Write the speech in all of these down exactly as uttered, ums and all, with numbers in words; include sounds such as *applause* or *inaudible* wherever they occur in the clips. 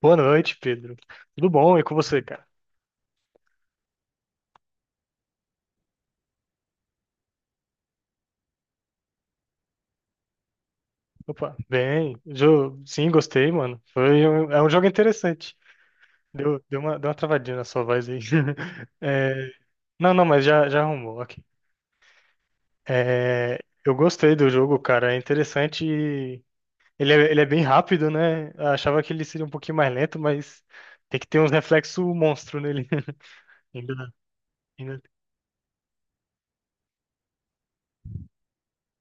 Boa noite, Pedro. Tudo bom? E com você, cara? Opa, bem. Jo- Sim, gostei, mano. Foi um... É um jogo interessante. Deu, deu uma, deu uma travadinha na sua voz aí. *laughs* É, Não, não, mas já, já arrumou, ok. É, Eu gostei do jogo, cara. É interessante. e Ele é, ele é bem rápido, né? Eu achava que ele seria um pouquinho mais lento, mas tem que ter uns reflexos monstro nele. *laughs* Ainda, ainda...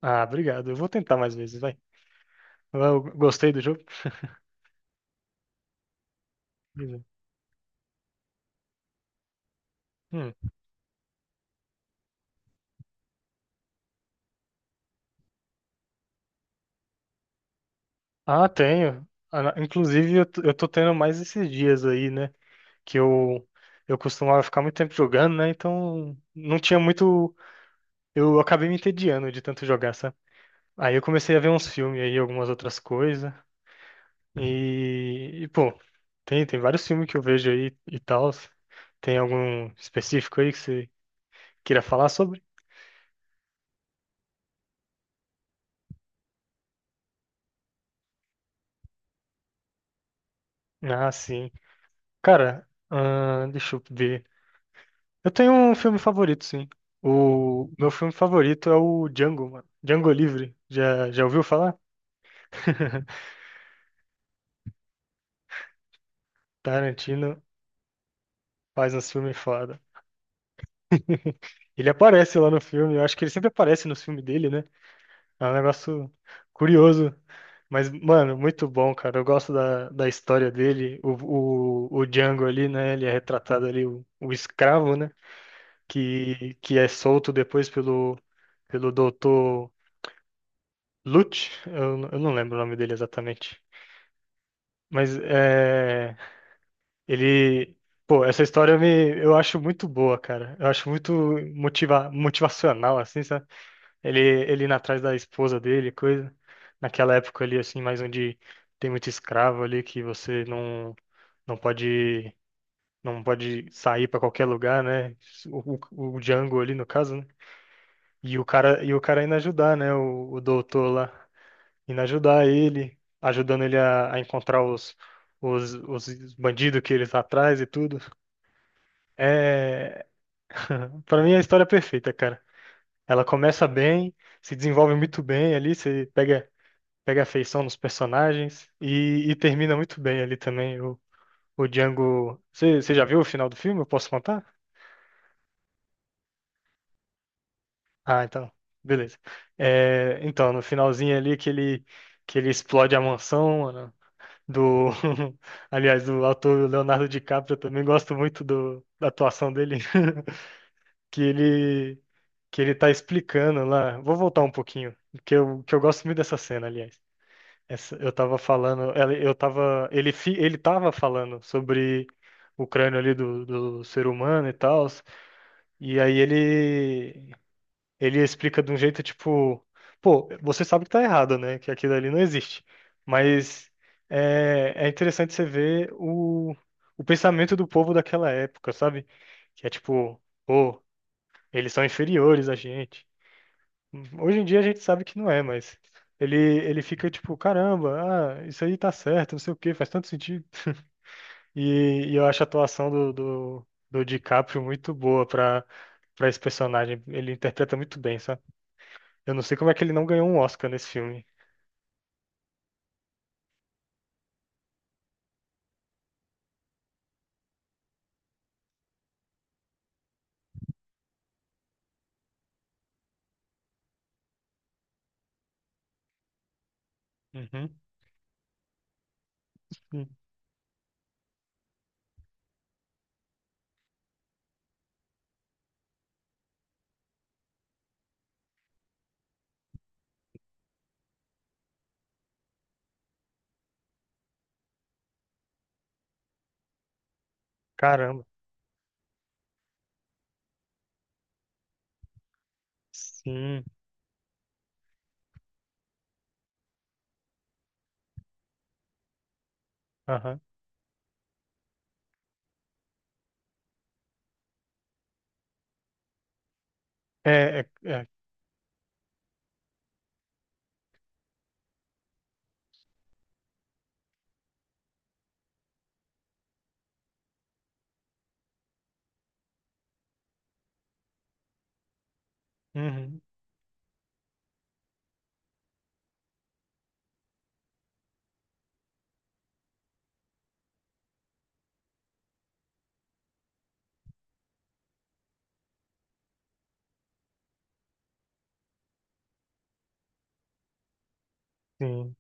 Ah, obrigado. Eu vou tentar mais vezes, vai. Eu gostei do jogo. Beleza. Hum. Ah, tenho. Ah, na- Inclusive, eu, t- eu tô tendo mais esses dias aí, né? Que eu, eu costumava ficar muito tempo jogando, né? Então, não tinha muito. Eu acabei me entediando de tanto jogar, sabe? Aí eu comecei a ver uns filmes aí, algumas outras coisas. E, e, pô, tem, tem vários filmes que eu vejo aí e tal. Tem algum específico aí que você queira falar sobre? Ah, sim. Cara, ahn, deixa eu ver. Eu tenho um filme favorito, sim. O meu filme favorito é o Django, mano. Django Livre. Já, já ouviu falar? *laughs* Tarantino faz uns filmes foda. *laughs* Ele aparece lá no filme, eu acho que ele sempre aparece nos filmes dele, né? É um negócio curioso. Mas, mano, muito bom, cara. Eu gosto da, da história dele. O, o, o Django ali, né? Ele é retratado ali, o, o escravo, né? Que, que é solto depois pelo, pelo doutor. Lute, eu, eu não lembro o nome dele exatamente. Mas é, ele. Pô, essa história eu me, eu acho muito boa, cara. Eu acho muito motiva, motivacional, assim, sabe? Ele, ele indo atrás da esposa dele, coisa. Naquela época ali, assim, mais onde tem muito escravo ali, que você não, não pode, não pode sair pra qualquer lugar, né? O, o, o Django ali, no caso, né? E o cara, e o cara indo ajudar, né? O, o doutor lá. Indo ajudar ele, ajudando ele a, a encontrar os, os, os bandidos que eles tá atrás e tudo. É, *laughs* para mim é a história é perfeita, cara. Ela começa bem, se desenvolve muito bem ali, você pega pega afeição nos personagens e, e termina muito bem ali também. O, o Django, você você já viu o final do filme? Eu posso contar? Ah, então, beleza. É, então, no finalzinho ali que ele que ele explode a mansão, do, *laughs* aliás, do ator Leonardo DiCaprio, eu também gosto muito do, da atuação dele, *laughs* que ele que ele tá explicando lá. Vou voltar um pouquinho, que eu, que eu gosto muito dessa cena, aliás. Essa, eu tava falando, ela- eu tava, ele fi- ele tava falando sobre o crânio ali do, do ser humano e tal, e aí ele ele explica de um jeito tipo, pô, você sabe que tá errado, né? Que aquilo ali não existe. Mas é, é interessante você ver o, o pensamento do povo daquela época, sabe? Que é tipo, pô, eles são inferiores a gente. Hoje em dia a gente sabe que não é, mas ele, ele fica tipo, caramba, ah, isso aí tá certo, não sei o quê, faz tanto sentido. E, e eu acho a atuação do, do, do DiCaprio muito boa pra para esse personagem. Ele interpreta muito bem, sabe? Eu não sei como é que ele não ganhou um Oscar nesse filme. Uhum. Hum. Caramba. Sim. Aham. É, é, é. Uhum. Sim.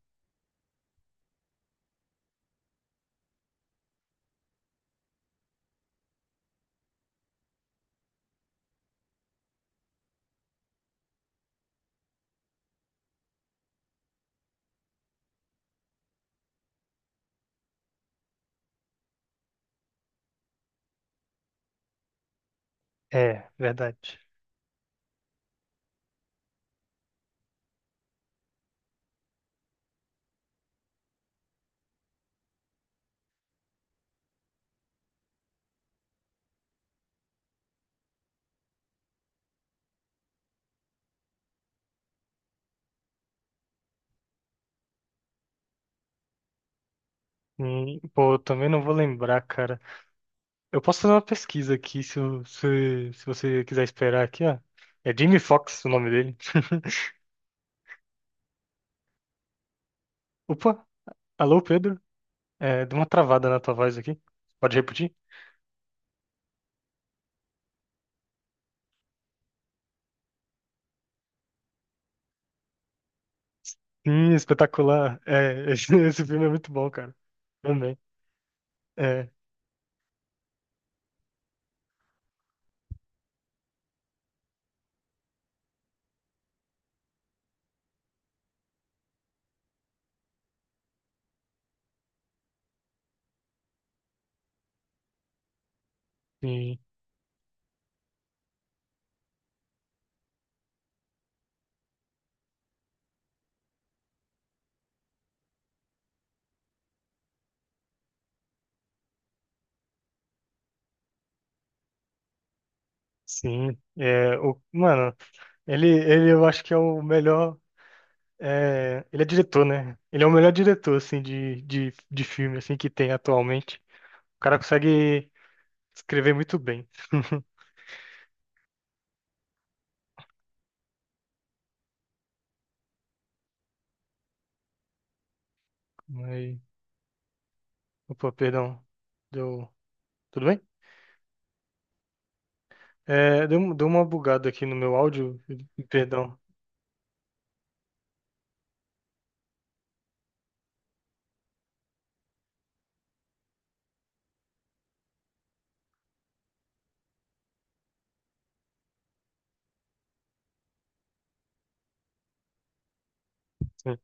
É, verdade. Hum, pô, eu também não vou lembrar, cara. Eu posso fazer uma pesquisa aqui, se, o- se, se você quiser esperar aqui, ó. É Jamie Foxx o nome dele. Opa, alô, Pedro? É, deu uma travada na tua voz aqui. Pode repetir? Sim, espetacular. É, *laughs* esse, esse filme é muito bom, cara. Também. É, sim, sim. É, o, mano. Ele, ele eu acho que é o melhor. É, ele é diretor, né? Ele é o melhor diretor, assim, de, de, de filme, assim, que tem atualmente. O cara consegue escrever muito bem. *laughs* Mas, opa, perdão. Deu. Tudo bem? É, deu, deu uma bugada aqui no meu áudio. Perdão. Sim,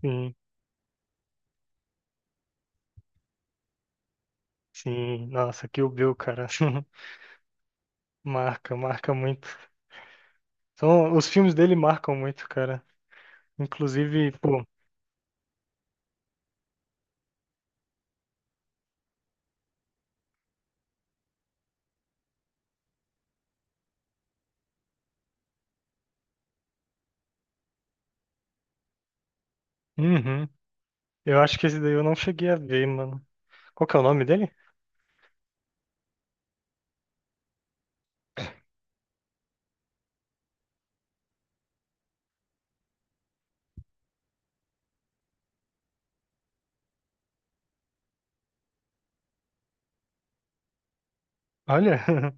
sim. Sim. Nossa, Kill Bill, cara. *laughs* Marca, marca muito. São, os filmes dele marcam muito, cara. Inclusive, pô. Uhum. Eu acho que esse daí eu não cheguei a ver, mano. Qual que é o nome dele? Olha, *laughs*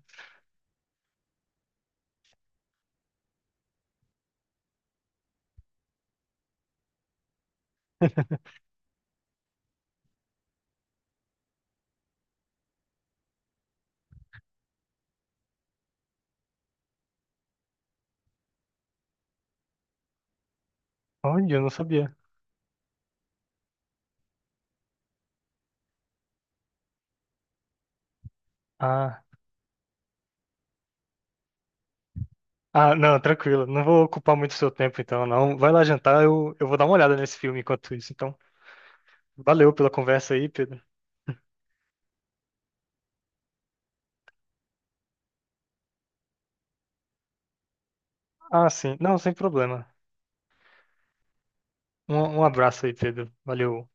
olha, eu não sabia. Ah, ah, não, tranquilo. Não vou ocupar muito seu tempo então, não. Vai lá jantar, eu, eu vou dar uma olhada nesse filme enquanto isso. Então, valeu pela conversa aí, Pedro. Ah, sim. Não, sem problema. Um, um abraço aí, Pedro. Valeu.